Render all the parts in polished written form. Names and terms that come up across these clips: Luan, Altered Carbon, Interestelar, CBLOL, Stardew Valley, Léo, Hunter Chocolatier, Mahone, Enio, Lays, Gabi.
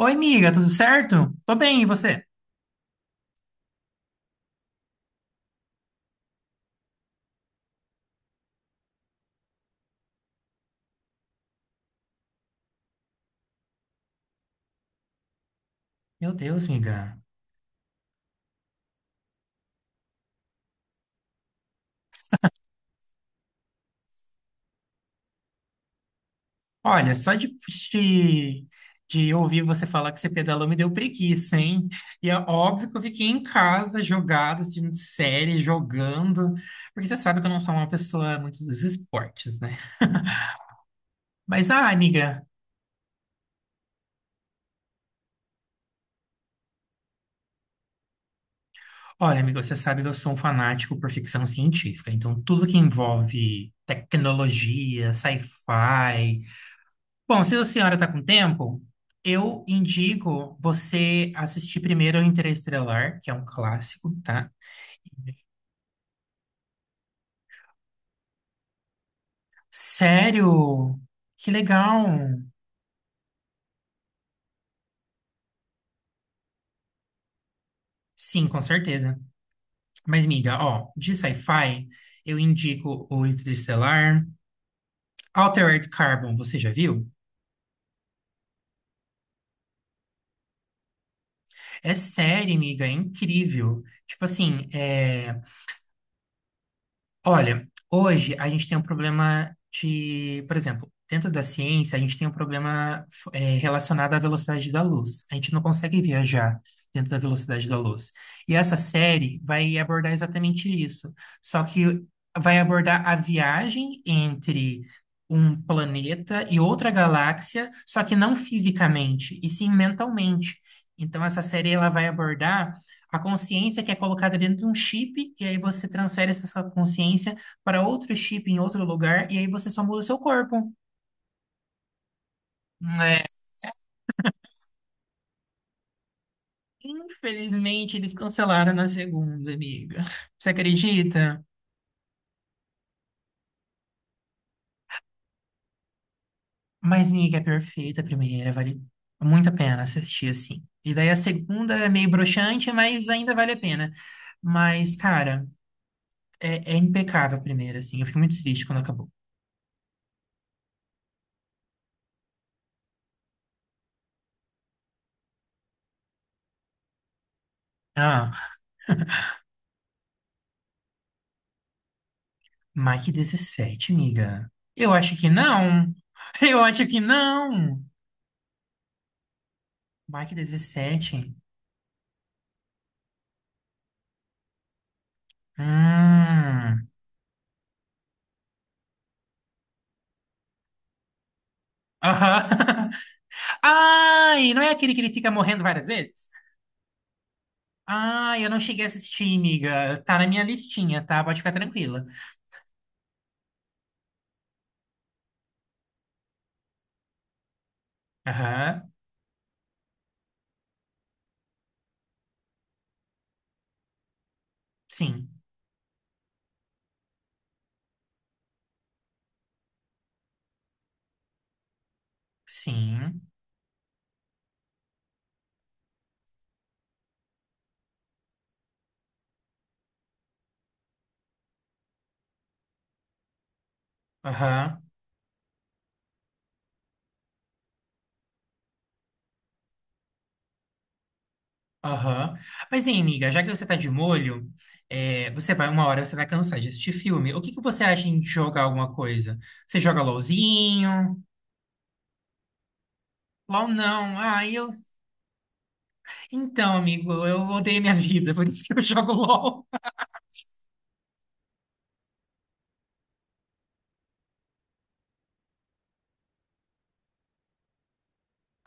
Oi, miga, tudo certo? Tô bem, e você? Meu Deus, miga. Olha, só de, de ouvir você falar que você pedalou me deu preguiça, hein? E é óbvio que eu fiquei em casa, jogado, assistindo série, jogando, porque você sabe que eu não sou uma pessoa muito dos esportes, né? Mas, ah, amiga, olha, amiga, você sabe que eu sou um fanático por ficção científica, então tudo que envolve tecnologia, sci-fi. Bom, se a senhora está com tempo, eu indico você assistir primeiro Interestelar, que é um clássico, tá? Sério? Que legal! Sim, com certeza. Mas, miga, ó, de sci-fi, eu indico o Interestelar. Altered Carbon, você já viu? É série, miga, é incrível. Tipo assim, é. Olha, hoje a gente tem um problema de, por exemplo, dentro da ciência, a gente tem um problema relacionado à velocidade da luz. A gente não consegue viajar dentro da velocidade da luz. E essa série vai abordar exatamente isso. Só que vai abordar a viagem entre um planeta e outra galáxia, só que não fisicamente, e sim mentalmente. Então, essa série ela vai abordar a consciência que é colocada dentro de um chip, e aí você transfere essa sua consciência para outro chip em outro lugar, e aí você só muda o seu corpo. É. Infelizmente, eles cancelaram na segunda, amiga. Você acredita? Mas, amiga, é perfeita a primeira, vale muito a pena assistir assim. E daí a segunda é meio broxante, mas ainda vale a pena. Mas, cara, é impecável a primeira, assim. Eu fico muito triste quando acabou. Ah. Mike 17, miga. Eu acho que não. Eu acho que não. Mike 17. Hum. Aham. Ai, não é aquele que ele fica morrendo várias vezes? Ai, eu não cheguei a assistir, miga. Tá na minha listinha, tá? Pode ficar tranquila. Aham. Sim. Sim. Aham. Aham. Mas, hein, miga, já que você tá de molho, você vai, uma hora você vai cansar de assistir filme. O que que você acha em jogar alguma coisa? Você joga LOLzinho? LOL não. Ah, eu. Então, amigo, eu odeio minha vida, por isso que eu jogo LOL.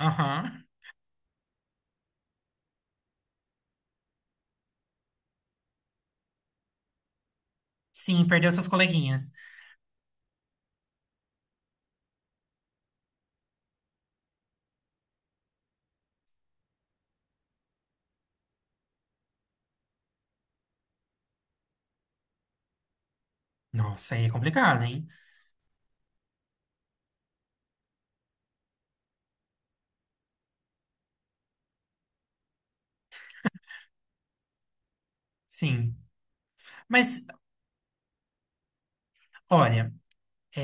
Aham. Sim, perdeu seus coleguinhas. Nossa, aí é complicado, hein? Sim. Mas, olha,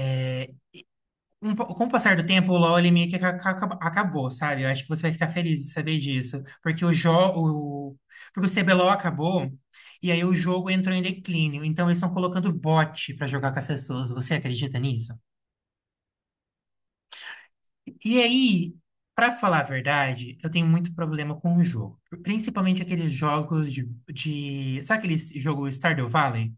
é, com o passar do tempo, o LoL ele meio que acabou, sabe? Eu acho que você vai ficar feliz de saber disso. Porque o jogo. Porque o CBLOL acabou e aí o jogo entrou em declínio. Então eles estão colocando bot pra jogar com as pessoas. Você acredita nisso? E aí, pra falar a verdade, eu tenho muito problema com o jogo. Principalmente aqueles jogos Sabe aquele jogo Stardew Valley?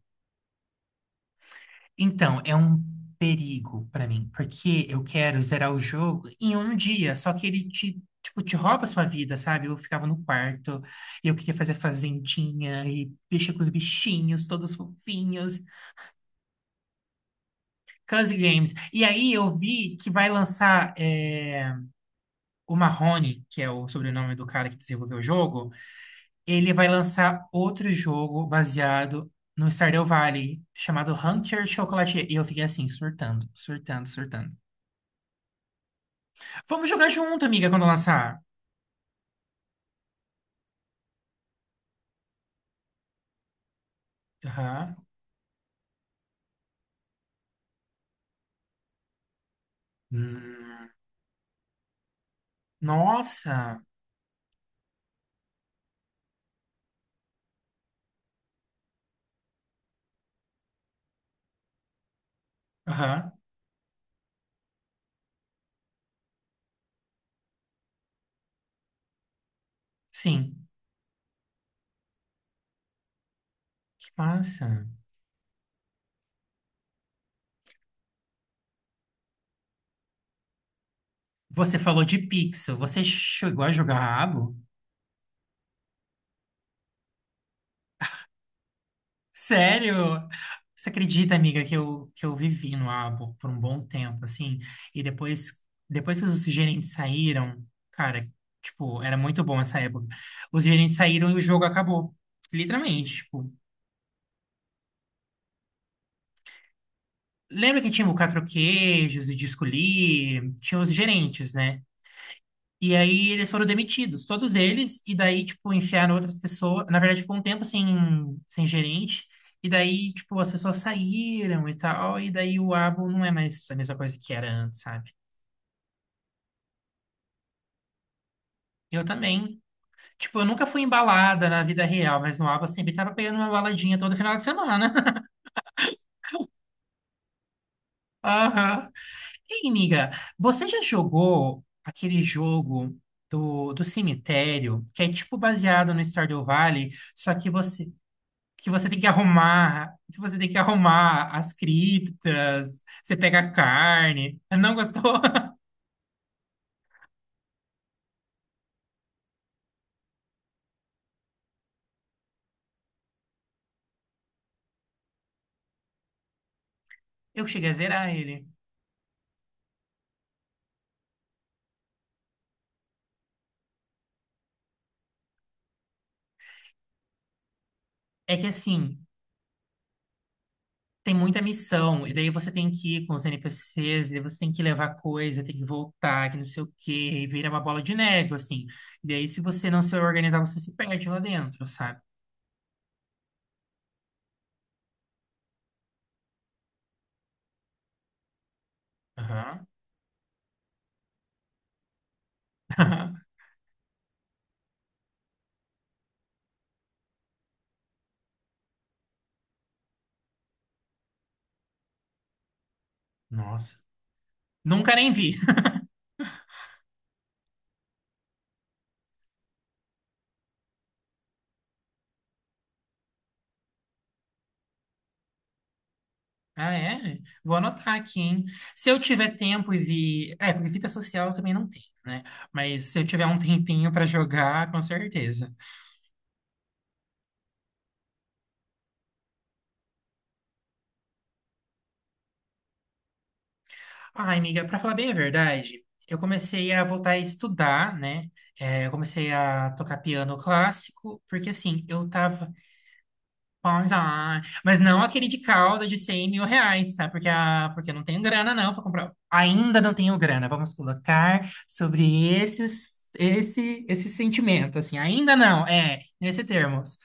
Então, é um perigo pra mim, porque eu quero zerar o jogo em um dia, só que ele tipo te rouba a sua vida, sabe? Eu ficava no quarto, e eu queria fazer fazendinha, e mexer com os bichinhos, todos fofinhos, Cozy Games. E aí eu vi que vai lançar o Mahone, que é o sobrenome do cara que desenvolveu o jogo. Ele vai lançar outro jogo baseado no Stardew Valley, chamado Hunter Chocolatier. E eu fiquei assim, surtando, surtando, surtando. Vamos jogar junto, amiga, quando lançar. Aham. Hum, nossa. Aham. Sim. Que massa. Você falou de pixel. Você chegou a jogar Rabo? Sério? Você acredita, amiga, que eu vivi no Abo por um bom tempo, assim, e depois que os gerentes saíram, cara, tipo, era muito bom essa época. Os gerentes saíram e o jogo acabou. Literalmente, tipo, lembra que tinha o quatro queijos, o disco Lee, tinha os gerentes, né? E aí eles foram demitidos, todos eles, e daí, tipo, enfiaram outras pessoas. Na verdade, ficou um tempo sem gerente, e daí, tipo, as pessoas saíram e tal, e daí o Abo não é mais a mesma coisa que era antes, sabe? Eu também. Tipo, eu nunca fui embalada na vida real, mas no Abo eu sempre tava pegando uma baladinha todo final de semana. Aham. Ei, amiga, você já jogou aquele jogo do cemitério, que é tipo baseado no Stardew Valley, só que você tem que arrumar as criptas, você pega a carne. Não gostou? Eu cheguei a zerar ele. É que assim, tem muita missão, e daí você tem que ir com os NPCs, e daí você tem que levar coisa, tem que voltar, que não sei o quê, e vira uma bola de neve, assim. E daí, se você não se organizar, você se perde lá dentro, sabe? Aham. Nossa. Nunca nem vi. Ah, é? Vou anotar aqui, hein? Se eu tiver tempo e vi. É, porque fita social eu também não tenho, né? Mas se eu tiver um tempinho pra jogar, com certeza. Ai, amiga, pra falar bem a verdade, eu comecei a voltar a estudar, né? É, eu comecei a tocar piano clássico, porque assim, eu tava. Pois, ah, mas não aquele de calda de R$ 100.000, sabe? Porque eu não tenho grana, não, para comprar. Ainda não tenho grana. Vamos colocar sobre esse sentimento, assim. Ainda não, nesse termos.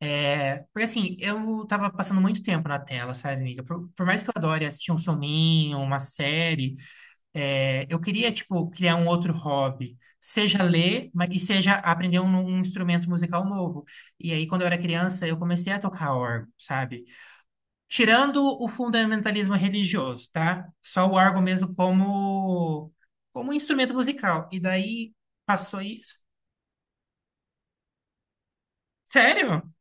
É, porque, assim, eu tava passando muito tempo na tela, sabe, amiga? Por mais que eu adore assistir um filminho, uma série, eu queria, tipo, criar um outro hobby, seja ler, mas e seja aprender um, instrumento musical novo. E aí, quando eu era criança, eu comecei a tocar órgão, sabe? Tirando o fundamentalismo religioso, tá? Só o órgão mesmo como instrumento musical. E daí passou isso. Sério?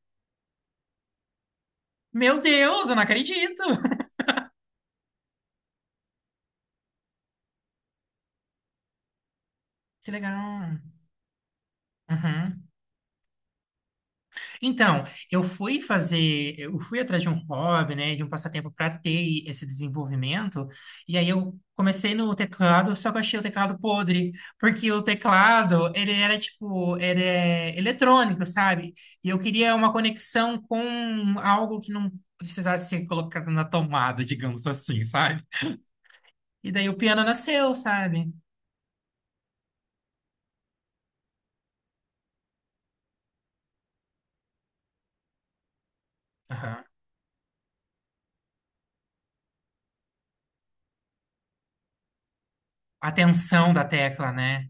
Meu Deus, eu não acredito. Que legal. Uhum. Então, eu fui atrás de um hobby, né, de um passatempo para ter esse desenvolvimento, e aí eu comecei no teclado, só que eu achei o teclado podre, porque o teclado, ele era tipo, ele é eletrônico, sabe? E eu queria uma conexão com algo que não precisasse ser colocado na tomada, digamos assim, sabe? E daí o piano nasceu, sabe? Aham. A tensão da tecla, né?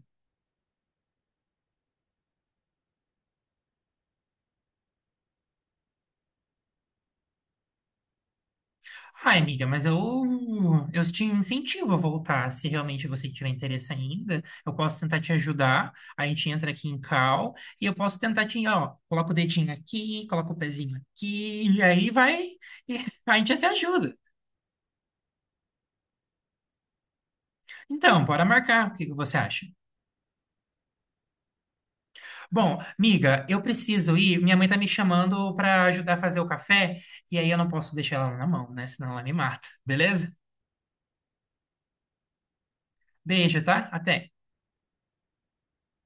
Ai, amiga, mas eu te incentivo a voltar, se realmente você tiver interesse ainda. Eu posso tentar te ajudar. A gente entra aqui em cal e eu posso tentar te, ó, coloca o dedinho aqui, coloca o pezinho aqui, e aí vai, e a gente se ajuda. Então, bora marcar. O que que você acha? Bom, amiga, eu preciso ir. Minha mãe tá me chamando para ajudar a fazer o café, e aí eu não posso deixar ela na mão, né? Senão ela me mata. Beleza? Beijo, tá? Até.